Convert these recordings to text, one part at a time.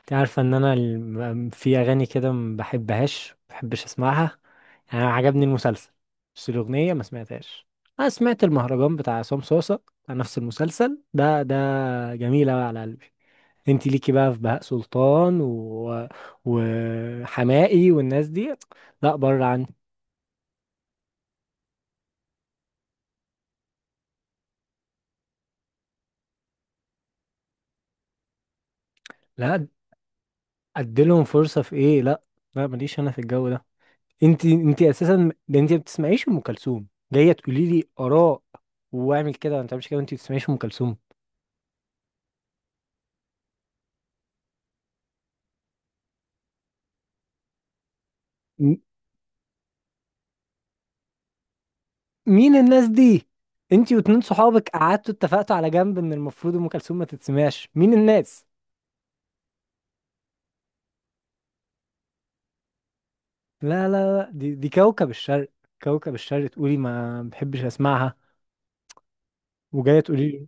انت عارفه ان انا في اغاني كده ما بحبش اسمعها. يعني أنا عجبني المسلسل، بس الاغنيه ما سمعتهاش. انا سمعت المهرجان بتاع عصام صوصه بتاع نفس المسلسل ده. جميل أوي على قلبي. انت ليكي بقى في بهاء سلطان وحماقي والناس دي، لا بره عني. لا، اديلهم فرصه في ايه؟ لا، لا ماليش انا في الجو ده. انت اساسا ده انت ما بتسمعيش ام كلثوم. جايه تقولي لي اراء واعمل كده ما تعملش كده وانت ما بتسمعيش ام كلثوم. م- مين الناس دي؟ انتي واتنين صحابك قعدتوا اتفقتوا على جنب ان المفروض ام كلثوم ما تتسمعش؟ مين الناس؟ لا، لا، لا، دي كوكب الشرق. كوكب الشرق تقولي ما بحبش اسمعها وجايه تقولي لي.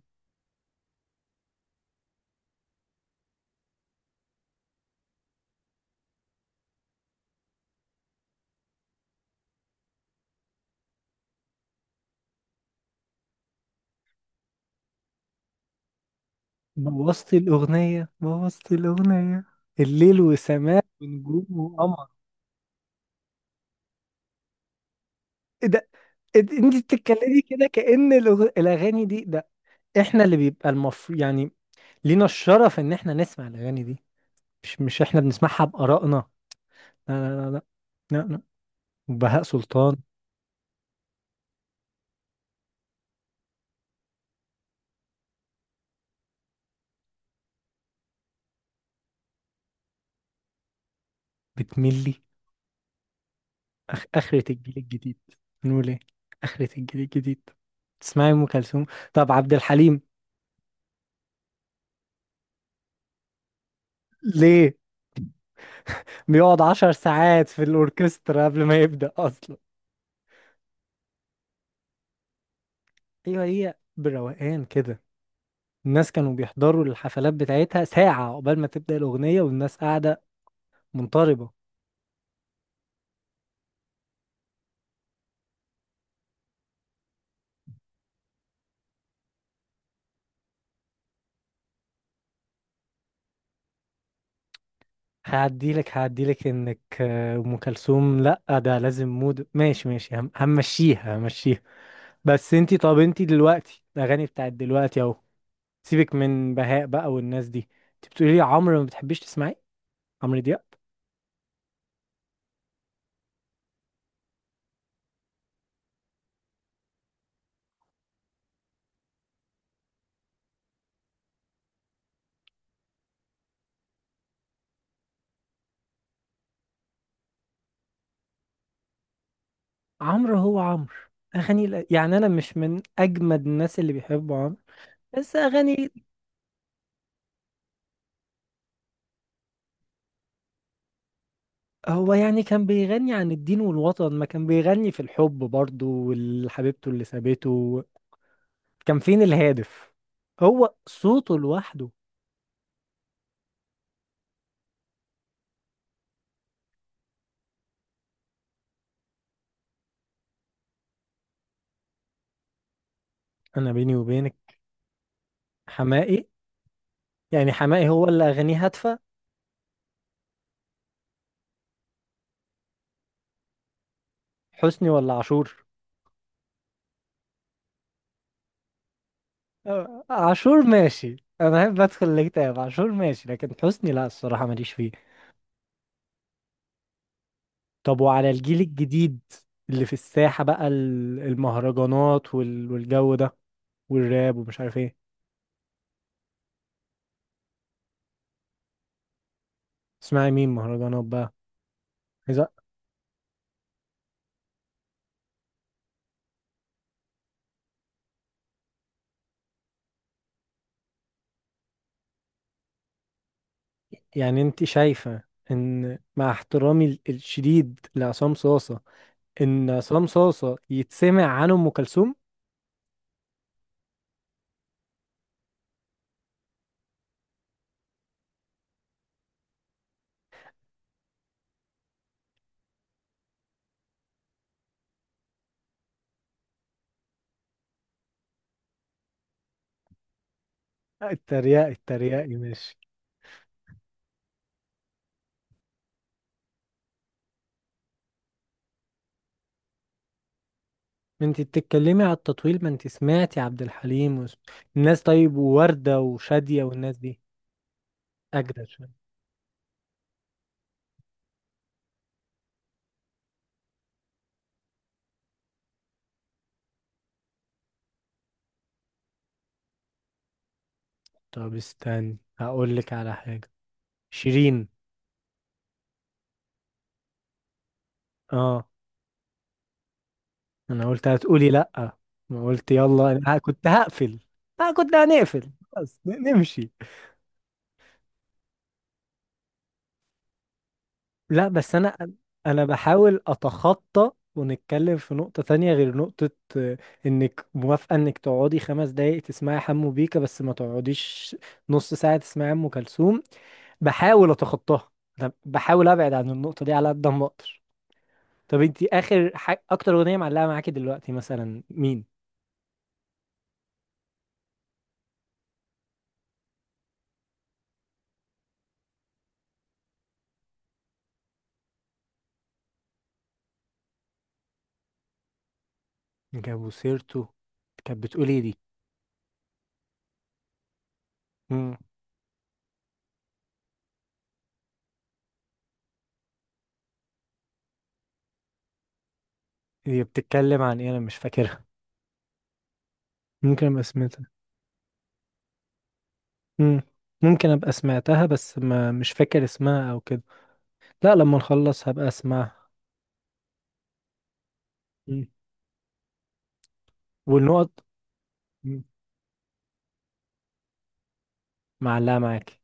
بوظتي الاغنيه، بوظتي الاغنيه. الليل وسماء ونجوم وقمر. ايه ده؟ إيه ده؟ انتي بتتكلمي كده كأن الاغاني دي ده. احنا اللي بيبقى المفروض يعني لينا الشرف ان احنا نسمع الاغاني دي. مش احنا بنسمعها بآرائنا. لا، لا، لا، لا. لا، لا. وبهاء سلطان. بتملي. آخرة الجيل الجديد، نقول إيه؟ آخرة الجيل الجديد تسمعي أم كلثوم؟ طب عبد الحليم؟ ليه؟ بيقعد 10 ساعات في الأوركسترا قبل ما يبدأ أصلا؟ أيوة، هي بروقان كده. الناس كانوا بيحضروا الحفلات بتاعتها ساعة قبل ما تبدأ الأغنية والناس قاعدة منطربة. هعديلك إنك أم كلثوم لأ، ده لازم مود. ماشي ماشي، همشيها. بس طب انتي دلوقتي الأغاني بتاعت دلوقتي أهو. سيبك من بهاء بقى والناس دي. انت بتقولي لي عمرو ما بتحبيش تسمعي. عمرو دياب؟ عمرو هو عمرو. اغاني يعني انا مش من اجمد الناس اللي بيحبوا عمرو، بس اغاني. هو يعني كان بيغني عن الدين والوطن؟ ما كان بيغني في الحب برضه والحبيبته اللي سابته. كان فين الهادف؟ هو صوته لوحده. انا بيني وبينك، حماقي؟ يعني حماقي هو اللي اغانيه هادفة؟ حسني ولا عاشور؟ آه، عاشور ماشي. انا بحب ادخل الاكتئاب، عاشور ماشي. لكن حسني لا، الصراحه ماليش فيه. طب وعلى الجيل الجديد اللي في الساحه بقى، المهرجانات والجو ده والراب ومش عارف ايه. اسمعي مين مهرجانات بقى؟ عايزة- يعني انت شايفه ان مع احترامي الشديد لعصام صاصه ان عصام صاصه يتسمع عنه ام كلثوم؟ اتريقي، اتريقي ماشي. ما انت بتتكلمي على التطويل، ما انت سمعتي عبد الحليم الناس. طيب، ووردة وشادية والناس دي، اجدد شوية. طب استني، هقول لك على حاجة. شيرين. اه. انا قلت هتقولي لا. ما قلت يلا، انا كنت هقفل. اه، كنت هنقفل خلاص، نمشي. لا، بس انا بحاول اتخطى ونتكلم في نقطة تانية غير نقطة. آه، انك موافقة انك تقعدي 5 دقايق تسمعي حمو بيكا، بس ما تقعديش نص ساعة تسمعي ام كلثوم. بحاول اتخطاها، انا بحاول ابعد عن النقطه دي على قد ما اقدر. طب انت اكتر اغنيه معلقه معاكي دلوقتي مثلا مين؟ جابوا سيرته؟ كانت بتقول ايه دي؟ امم هي بتتكلم عن ايه؟ انا مش فاكرها. ممكن ابقى سمعتها. امم ممكن ابقى سمعتها، بس ما مش فاكر اسمها او كده. لا، لما نخلص هبقى اسمعها. مم. والنقط. مم. معلقه معاكي.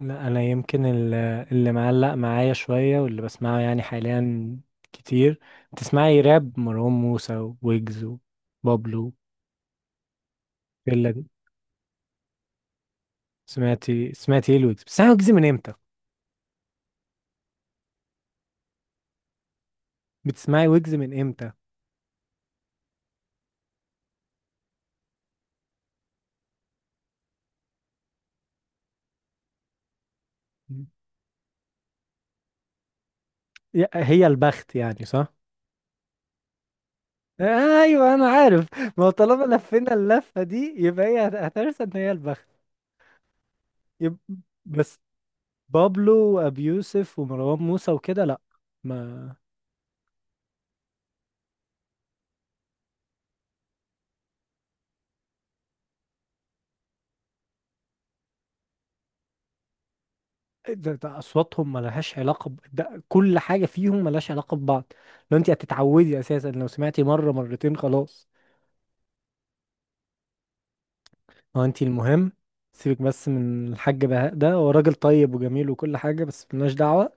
لا، انا يمكن اللي معلق معايا شويه واللي بسمعه يعني حاليا كتير. تسمعي راب، مروان موسى، ويجز، وبابلو، الجيلة دي. سمعتي ايه الويجز؟ بتسمعي ويجز من امتى؟ هي البخت يعني، صح؟ ايوه، انا عارف. ما هو طالما لفينا اللفه دي يبقى هي هترسى ان هي البخت. يب... بس بابلو وابيوسف ومروان موسى وكده لا، ما. ده اصواتهم ملهاش علاقه ده كل حاجه فيهم ملهاش علاقه ببعض. لو انت هتتعودي اساسا، لو سمعتي مره مرتين خلاص. هو انت المهم. سيبك بس من الحاج بهاء، ده هو راجل طيب وجميل وكل حاجه، بس ملناش دعوه.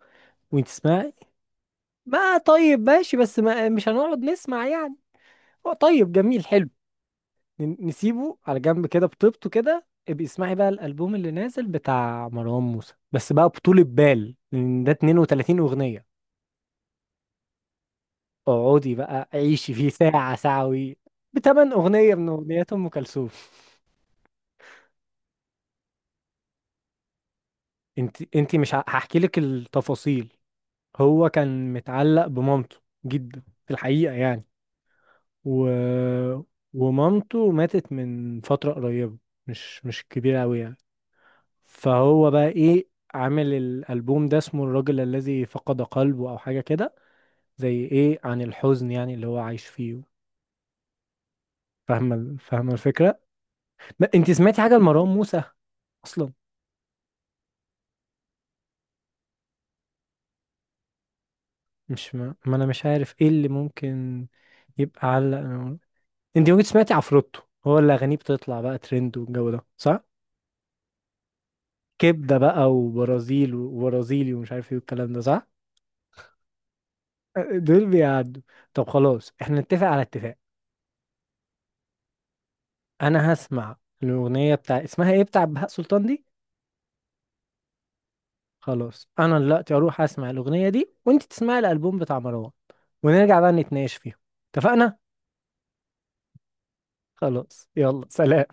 وانت تسمعي. ما طيب، ماشي، بس ما مش هنقعد نسمع يعني. هو طيب، جميل، حلو. نسيبه على جنب كده بطيبته كده. ابقي اسمعي بقى الالبوم اللي نازل بتاع مروان موسى، بس بقى بطولة بال، لان ده 32 اغنيه. اقعدي بقى عيشي فيه ساعة ساعة وي. بتمن أغنية من أغنيات أم كلثوم. انت مش هحكي لك التفاصيل. هو كان متعلق بمامته جدا في الحقيقة يعني. و... ومامته ماتت من فترة قريبة، مش كبيرة أوي يعني. فهو بقى إيه، عامل الألبوم ده اسمه الرجل الذي فقد قلبه أو حاجة كده، زي إيه، عن الحزن يعني اللي هو عايش فيه. فاهمة الفكرة؟ انت سمعتي حاجة لمروان موسى أصلا؟ مش ما, ما انا مش عارف ايه اللي ممكن يبقى علق انت ممكن سمعتي عفروتو؟ هو اللي اغانيه بتطلع بقى ترند والجو ده، صح؟ كبده بقى وبرازيل وبرازيلي ومش عارف ايه والكلام ده، صح؟ دول بيعدوا. طب خلاص، احنا نتفق على اتفاق. انا هسمع الاغنيه بتاع اسمها ايه بتاع بهاء سلطان دي. خلاص، انا دلوقتي اروح اسمع الاغنيه دي وانت تسمعي الالبوم بتاع مروان، ونرجع بقى نتناقش فيهم. اتفقنا؟ خلاص، يلا سلام.